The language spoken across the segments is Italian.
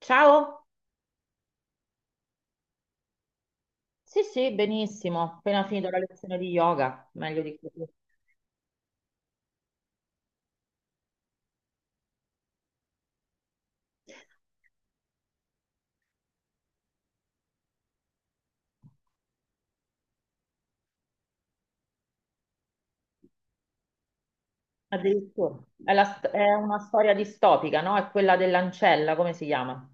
Ciao? Sì, sì, benissimo. Appena finito la lezione di yoga, meglio di così. Addirittura. È, è una storia distopica, no? È quella dell'ancella, come si chiama?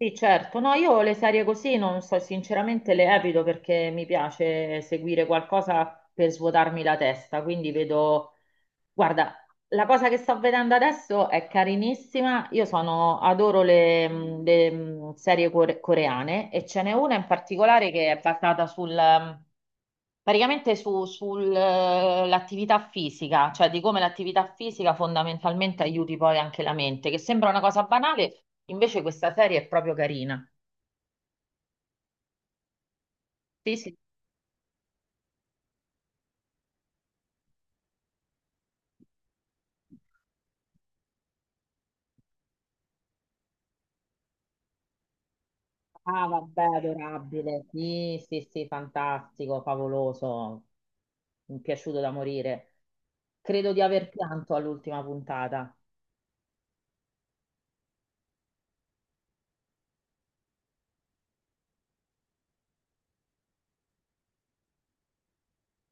Sì, certo. No, io le serie così non so, sinceramente le evito perché mi piace seguire qualcosa per svuotarmi la testa, quindi vedo. Guarda, la cosa che sto vedendo adesso è carinissima. Io sono, adoro le, serie coreane, e ce n'è una in particolare che è basata sul praticamente sull'attività fisica, cioè di come l'attività fisica fondamentalmente aiuti poi anche la mente, che sembra una cosa banale, invece questa serie è proprio carina. Sì, sì. Ah, vabbè, adorabile. Sì, sì, sì, fantastico, favoloso. Mi è piaciuto da morire. Credo di aver pianto all'ultima puntata.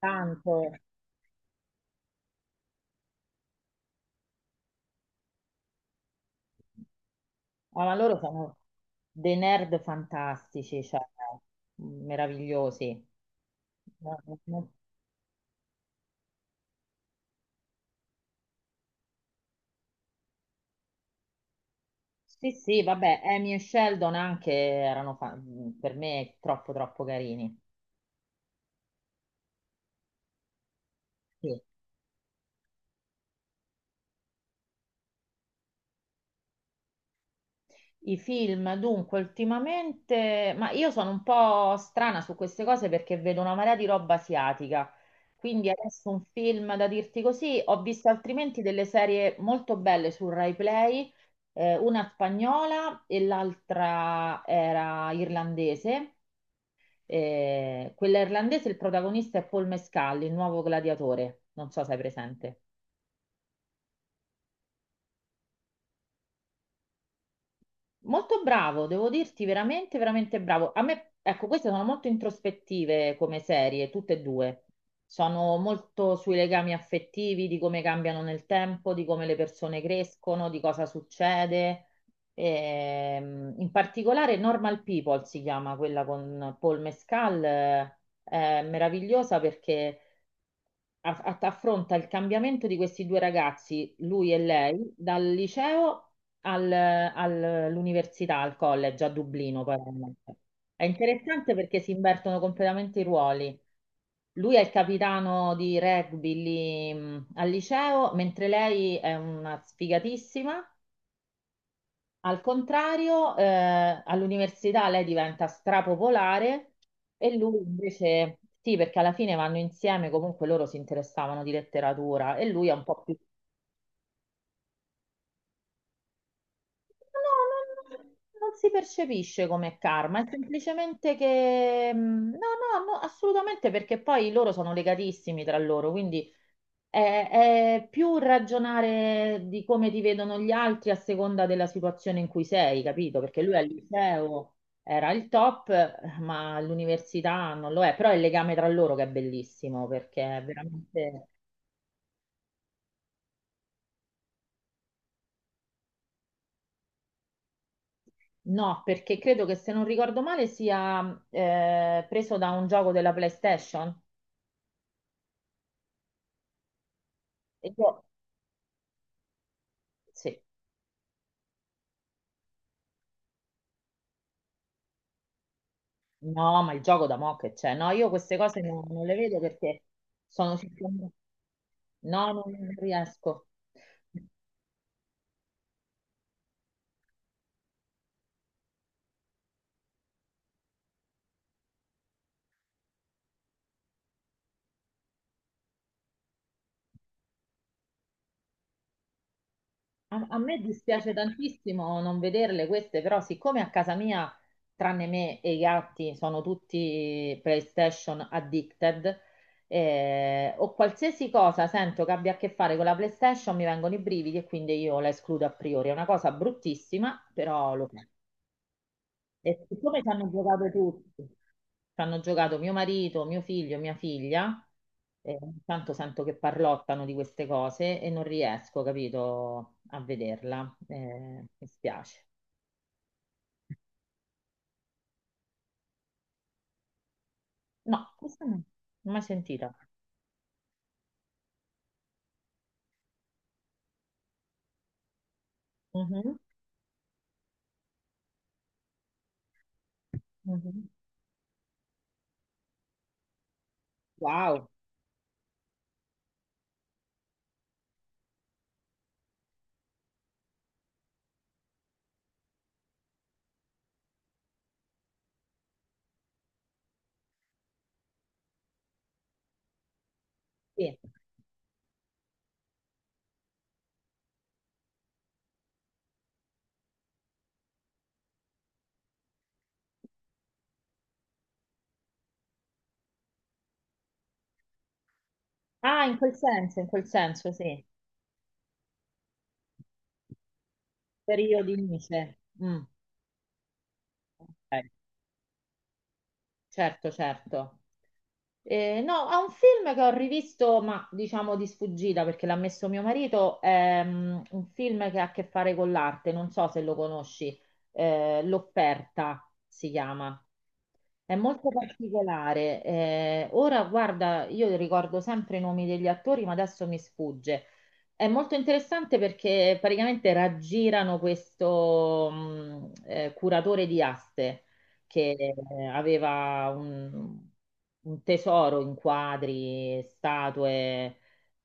Tanto. Ah, ma loro sono dei nerd fantastici, cioè, meravigliosi. No, no, no. Sì, sì, vabbè, Amy e Sheldon anche per me troppo, troppo carini. Sì. I film, dunque, ultimamente, ma io sono un po' strana su queste cose perché vedo una marea di roba asiatica. Quindi adesso un film da dirti così, ho visto altrimenti delle serie molto belle su Rai Play, una spagnola e l'altra era irlandese. Quella irlandese, il protagonista è Paul Mescal, il nuovo gladiatore. Non so se hai presente. Molto bravo, devo dirti, veramente, veramente bravo. A me, ecco, queste sono molto introspettive come serie, tutte e due. Sono molto sui legami affettivi, di come cambiano nel tempo, di come le persone crescono, di cosa succede. In particolare Normal People si chiama quella con Paul Mescal, è meravigliosa perché affronta il cambiamento di questi due ragazzi, lui e lei, dal liceo all'università, al college a Dublino, poi ovviamente. È interessante perché si invertono completamente i ruoli. Lui è il capitano di rugby lì, al liceo, mentre lei è una sfigatissima al contrario. All'università lei diventa strapopolare, e lui invece sì, perché alla fine vanno insieme, comunque loro si interessavano di letteratura e lui è un po' più. No, non si percepisce come karma, è semplicemente che. No, no, no, assolutamente, perché poi loro sono legatissimi tra loro, quindi è, è più ragionare di come ti vedono gli altri a seconda della situazione in cui sei, capito? Perché lui al liceo era il top, ma all'università non lo è, però è il legame tra loro che è bellissimo perché è veramente... No, perché credo che se non ricordo male sia preso da un gioco della PlayStation. E io- sì, no, ma il gioco da mo' che c'è. No, io queste cose non le vedo perché sono... No, non riesco. A, a me dispiace tantissimo non vederle queste, però siccome a casa mia, tranne me e i gatti, sono tutti PlayStation addicted, o qualsiasi cosa sento che abbia a che fare con la PlayStation, mi vengono i brividi e quindi io la escludo a priori. È una cosa bruttissima, però lo faccio. E siccome ci hanno giocato tutti, ci hanno giocato mio marito, mio figlio, mia figlia, e ogni tanto sento che parlottano di queste cose e non riesco, capito, a vederla. Mi spiace. No, questa no, non l'ho mai sentita. Mhm, mhm. Wow, sì. Ah, in quel senso, sì. Periodi Nice. Mm. Ok. Certo, certo. No, ha un film che ho rivisto, ma diciamo di sfuggita perché l'ha messo mio marito, è un film che ha a che fare con l'arte, non so se lo conosci, L'offerta si chiama. È molto particolare. Ora, guarda, io ricordo sempre i nomi degli attori, ma adesso mi sfugge. È molto interessante perché praticamente raggirano questo curatore di aste che aveva un tesoro in quadri, statue,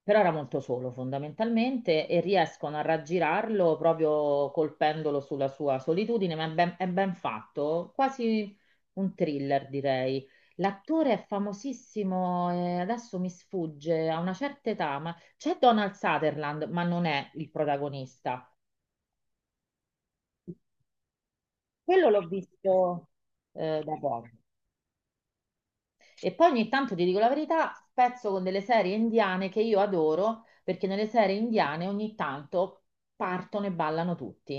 però era molto solo fondamentalmente e riescono a raggirarlo proprio colpendolo sulla sua solitudine, ma è ben fatto, quasi un thriller direi. L'attore è famosissimo, adesso mi sfugge, a una certa età, ma c'è Donald Sutherland, ma non è il protagonista. Quello l'ho visto da poco. E poi ogni tanto, ti dico la verità, spezzo con delle serie indiane che io adoro, perché nelle serie indiane ogni tanto partono e ballano tutti.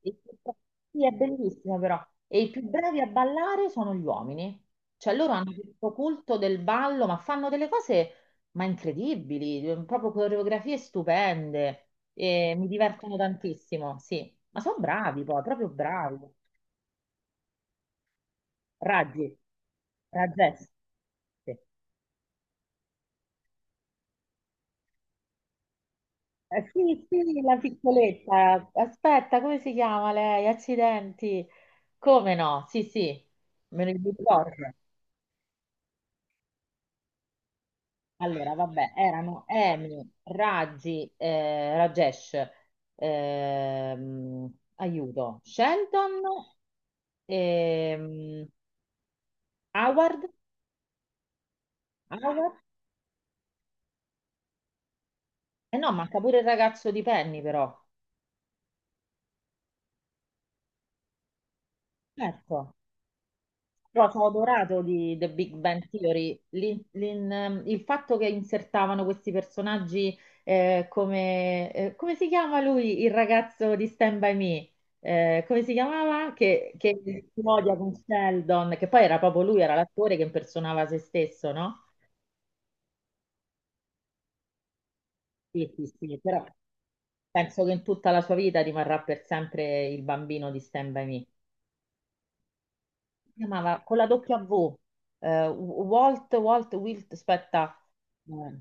E si fa- sì, è bellissimo però. E i più bravi a ballare sono gli uomini. Cioè loro hanno questo culto del ballo, ma fanno delle cose ma incredibili, proprio coreografie stupende. E mi divertono tantissimo, sì. Ma sono bravi poi, proprio bravi. Raggi, Rajesh. Sì. Sì, sì, la piccoletta. Aspetta, come si chiama lei? Accidenti. Come no? Sì, sì, me ne ricordo. Allora, vabbè, erano Emi, Raggi, Rajesh, aiuto, Sheldon, ehm, Howard, Howard. Eh no, manca pure il ragazzo di Penny però. Ecco, però sono adorato di The Big Bang Theory, il fatto che insertavano questi personaggi come si chiama lui, il ragazzo di Stand By Me? Come si chiamava? Che si odia con Sheldon, che poi era proprio lui, era l'attore che impersonava se stesso, no? Sì, sì, sì, però penso che in tutta la sua vita rimarrà per sempre il bambino di Stand By Me. Si chiamava con la W, Walt, Walt, Wilt, aspetta. eh,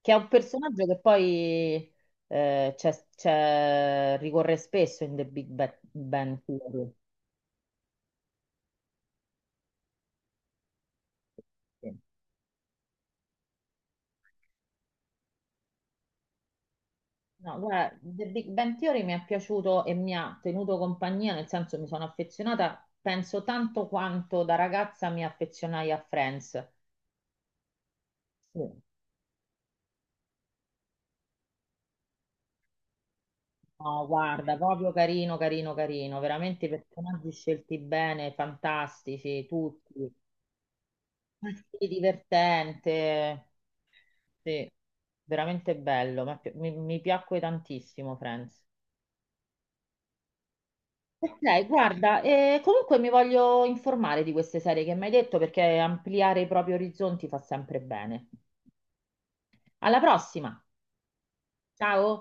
che è un personaggio che poi ricorre spesso in The Bang Theory. Sì. No, guarda, The Big Bang Theory mi è piaciuto e mi ha tenuto compagnia, nel senso mi sono affezionata, penso tanto quanto da ragazza mi affezionai a Friends. Sì. No, guarda, proprio carino, carino, carino, veramente i personaggi scelti bene, fantastici, tutti. Eh sì, divertente, sì, veramente bello, ma mi piacque tantissimo Friends. Ok, guarda, comunque mi voglio informare di queste serie che mi hai detto perché ampliare i propri orizzonti fa sempre bene. Alla prossima, ciao!